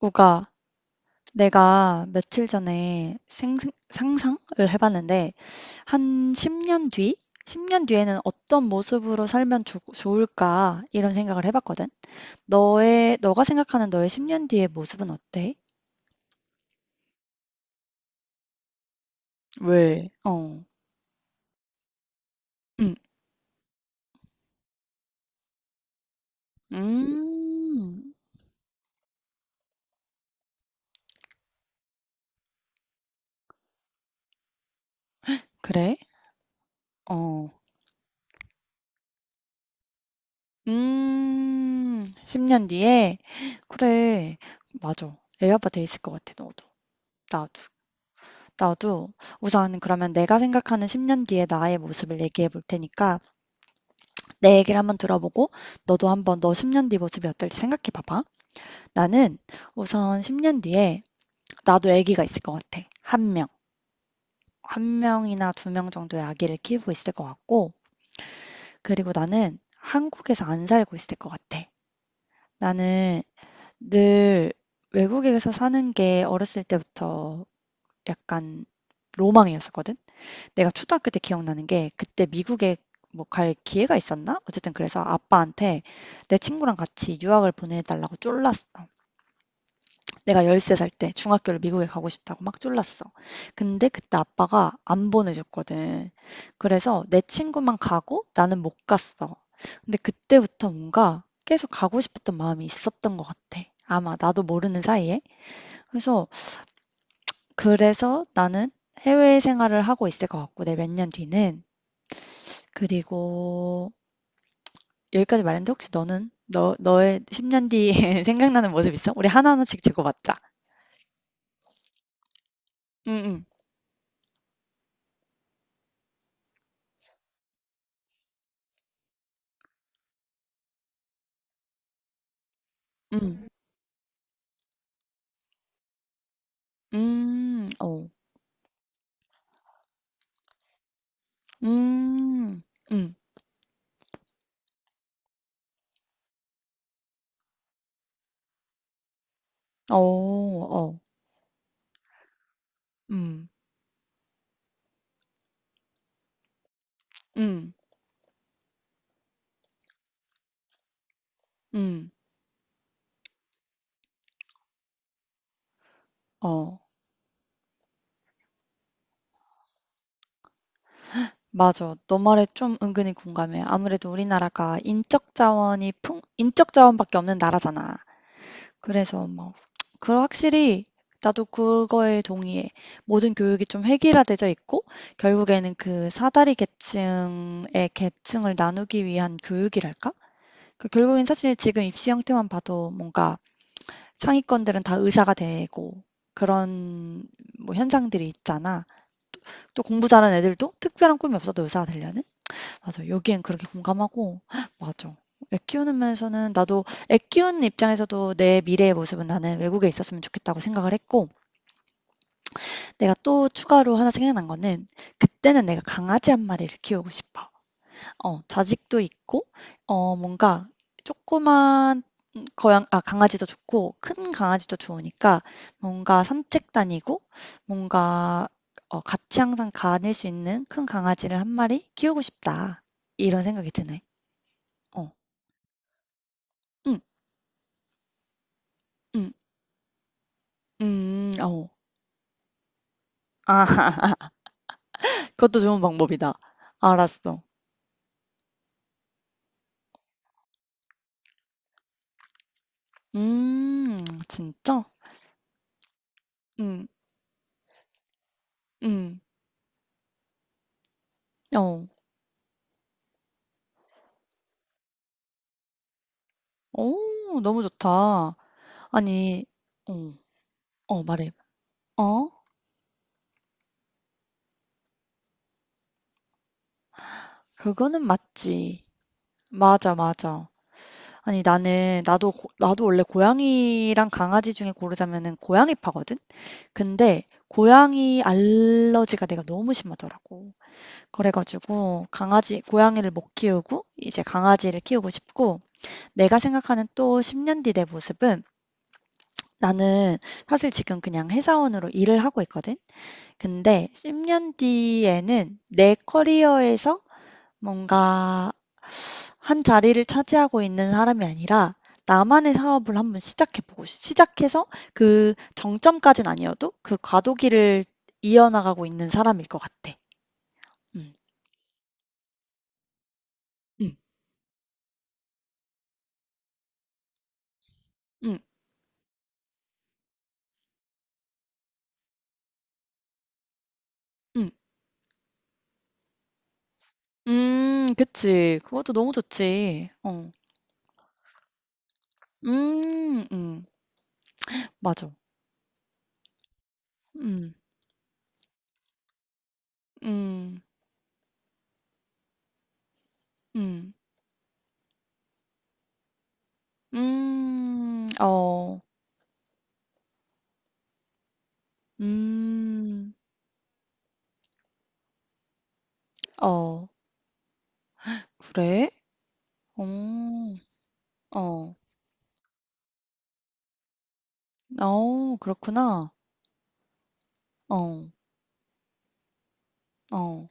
우가, 내가 며칠 전에 상상을 해봤는데, 한 10년 뒤? 10년 뒤에는 어떤 모습으로 살면 좋을까? 이런 생각을 해봤거든. 너가 생각하는 너의 10년 뒤의 모습은 어때? 왜? 어, 음, 음, 그래? 어, 10년 뒤에? 그래, 맞아. 애 아빠 돼 있을 것 같아, 너도. 나도. 나도 우선 그러면 내가 생각하는 10년 뒤의 나의 모습을 얘기해 볼 테니까 내 얘기를 한번 들어보고 너도 한번 너 10년 뒤 모습이 어떨지 생각해 봐봐. 나는 우선 10년 뒤에 나도 아기가 있을 것 같아. 한 명. 한 명이나 두 명 정도의 아기를 키우고 있을 것 같고, 그리고 나는 한국에서 안 살고 있을 것 같아. 나는 늘 외국에서 사는 게 어렸을 때부터 약간 로망이었었거든. 내가 초등학교 때 기억나는 게 그때 미국에 뭐 갈 기회가 있었나? 어쨌든 그래서 아빠한테 내 친구랑 같이 유학을 보내달라고 쫄랐어. 내가 13살 때 중학교를 미국에 가고 싶다고 막 쫄랐어. 근데 그때 아빠가 안 보내줬거든. 그래서 내 친구만 가고 나는 못 갔어. 근데 그때부터 뭔가 계속 가고 싶었던 마음이 있었던 것 같아. 아마 나도 모르는 사이에. 그래서 그래서 나는 해외 생활을 하고 있을 것 같고 내 몇 년 뒤는, 그리고 여기까지 말했는데 혹시 너는 너 너의 10년 뒤에 생각나는 모습 있어? 우리 하나하나씩 적어봤자. 응, 응, 응, 어, 음, 응, 어, 어, 음, 음, 음, 어, 맞아. 너 말에 좀 은근히 공감해. 아무래도 우리나라가 인적 자원이 인적 자원밖에 없는 나라잖아. 그래서 뭐 그 확실히 나도 그거에 동의해. 모든 교육이 좀 획일화되어 있고 결국에는 그 사다리 계층의 계층을 나누기 위한 교육이랄까? 그 결국엔 사실 지금 입시 형태만 봐도 뭔가 상위권들은 다 의사가 되고 그런 뭐 현상들이 있잖아. 또 공부 잘하는 애들도 특별한 꿈이 없어도 의사가 되려는? 맞아. 여기엔 그렇게 공감하고 맞아. 애 키우는 면에서는 나도 애 키우는 입장에서도 내 미래의 모습은 나는 외국에 있었으면 좋겠다고 생각을 했고 내가 또 추가로 하나 생각난 거는 그때는 내가 강아지 한 마리를 키우고 싶어. 어, 자식도 있고 어, 뭔가 조그만, 고양 아 강아지도 좋고 큰 강아지도 좋으니까 뭔가 산책 다니고 뭔가 어 같이 항상 가닐 수 있는 큰 강아지를 한 마리 키우고 싶다. 이런 생각이 드네. 어. 응, 응, 어. 아, 그것도 좋은 방법이다. 알았어. 진짜? 응, 응, 어. 오, 너무 좋다. 아니, 어, 어, 말해. 어? 그거는 맞지. 맞아, 맞아. 아니, 나도 원래 고양이랑 강아지 중에 고르자면은 고양이파거든? 근데, 고양이 알러지가 내가 너무 심하더라고. 그래가지고 고양이를 못 키우고 이제 강아지를 키우고 싶고 내가 생각하는 또 10년 뒤 내 모습은, 나는 사실 지금 그냥 회사원으로 일을 하고 있거든. 근데 10년 뒤에는 내 커리어에서 뭔가 한 자리를 차지하고 있는 사람이 아니라 나만의 사업을 한번 시작해보고 시작해서 그 정점까지는 아니어도 그 과도기를 이어나가고 있는 사람일 것 같아. 응응응응. 음, 그치. 그것도 너무 좋지. 어. 음, 맞아. 음. 음. 음. 음. 어. 음. 어. 그래? 어. 어. 어, 그렇구나. 어. 어.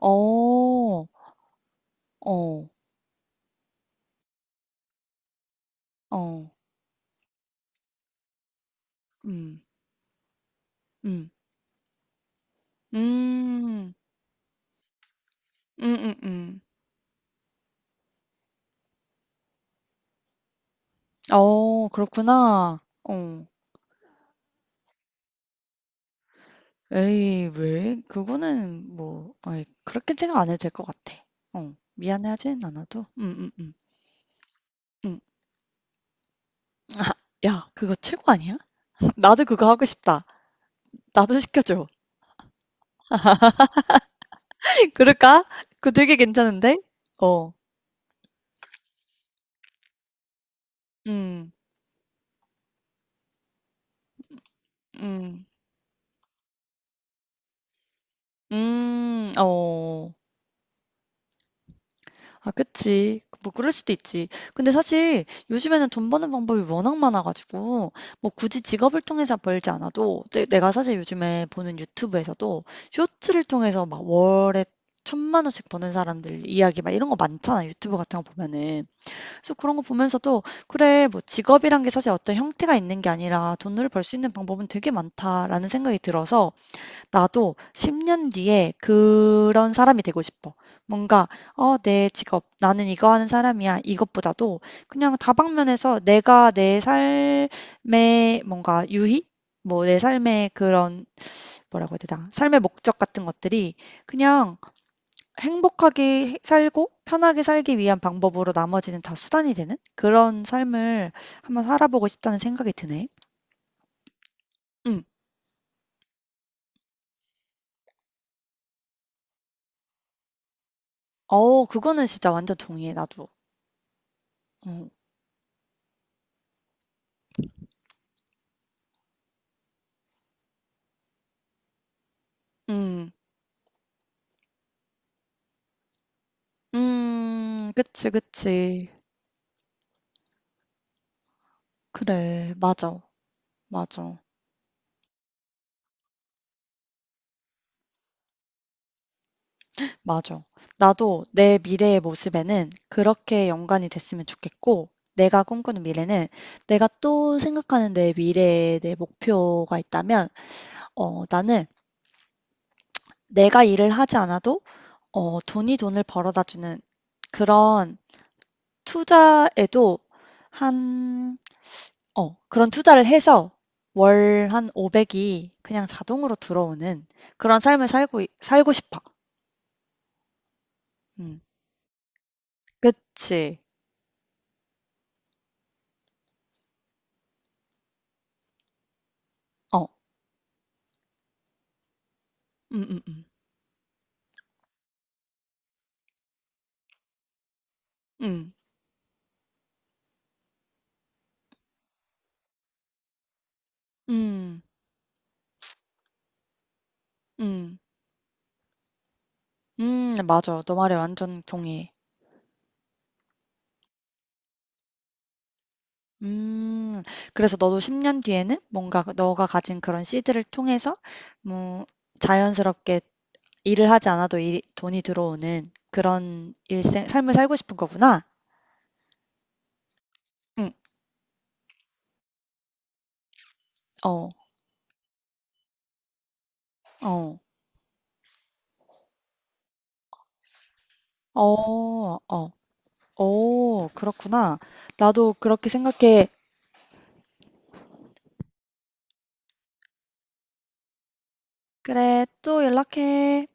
어. 어. 어. 음. 음. 음. 음음음. 어, 그렇구나. 어. 에이, 왜? 그거는 뭐 아이 그렇게 생각 안 해도 될 것 같아. 어. 미안해하진 않아도. 응응응, 응. 응, 응. 아, 야 그거 최고 아니야? 나도 그거 하고 싶다. 나도 시켜줘. 그럴까? 그거 되게 괜찮은데? 어. 음. 음. 음. 어. 아, 그치. 뭐, 그럴 수도 있지. 근데 사실 요즘에는 돈 버는 방법이 워낙 많아가지고, 뭐, 굳이 직업을 통해서 벌지 않아도, 내가 사실 요즘에 보는 유튜브에서도 쇼츠를 통해서 막 월에 천만 원씩 버는 사람들 이야기 막 이런 거 많잖아. 유튜브 같은 거 보면은. 그래서 그런 거 보면서도, 그래, 뭐, 직업이란 게 사실 어떤 형태가 있는 게 아니라 돈을 벌 수 있는 방법은 되게 많다라는 생각이 들어서, 나도 10년 뒤에 그런 사람이 되고 싶어. 뭔가, 어, 내 직업, 나는 이거 하는 사람이야. 이것보다도 그냥 다방면에서 내가 내 삶의 뭔가 유희? 뭐 내 삶의 그런, 뭐라고 해야 되나? 삶의 목적 같은 것들이 그냥 행복하게 살고 편하게 살기 위한 방법으로 나머지는 다 수단이 되는 그런 삶을 한번 살아보고 싶다는 생각이 드네. 응. 어, 그거는 진짜 완전 동의해, 나도. 어. 음. 그치, 그치. 그래, 맞아, 맞아, 맞아. 나도 내 미래의 모습에는 그렇게 연관이 됐으면 좋겠고, 내가 꿈꾸는 미래는, 내가 또 생각하는 내 미래의 내 목표가 있다면, 어, 나는 내가 일을 하지 않아도, 어, 돈이 돈을 벌어다 주는 그런 투자에도 한 어, 그런 투자를 해서 월 한 500이 그냥 자동으로 들어오는 그런 삶을 살고 싶어. 음, 그치. 어, 음, 음, 음, 음, 음, 음, 맞아. 너 말에 완전 동의해. 음, 그래서 너도 10년 뒤에는 뭔가 너가 가진 그런 씨드를 통해서 뭐 자연스럽게 일을 하지 않아도, 돈이 들어오는 그런 삶을 살고 싶은 거구나. 응, 어, 어, 어, 어. 어, 그렇구나. 나도 그렇게 생각해. 그래, 또 연락해.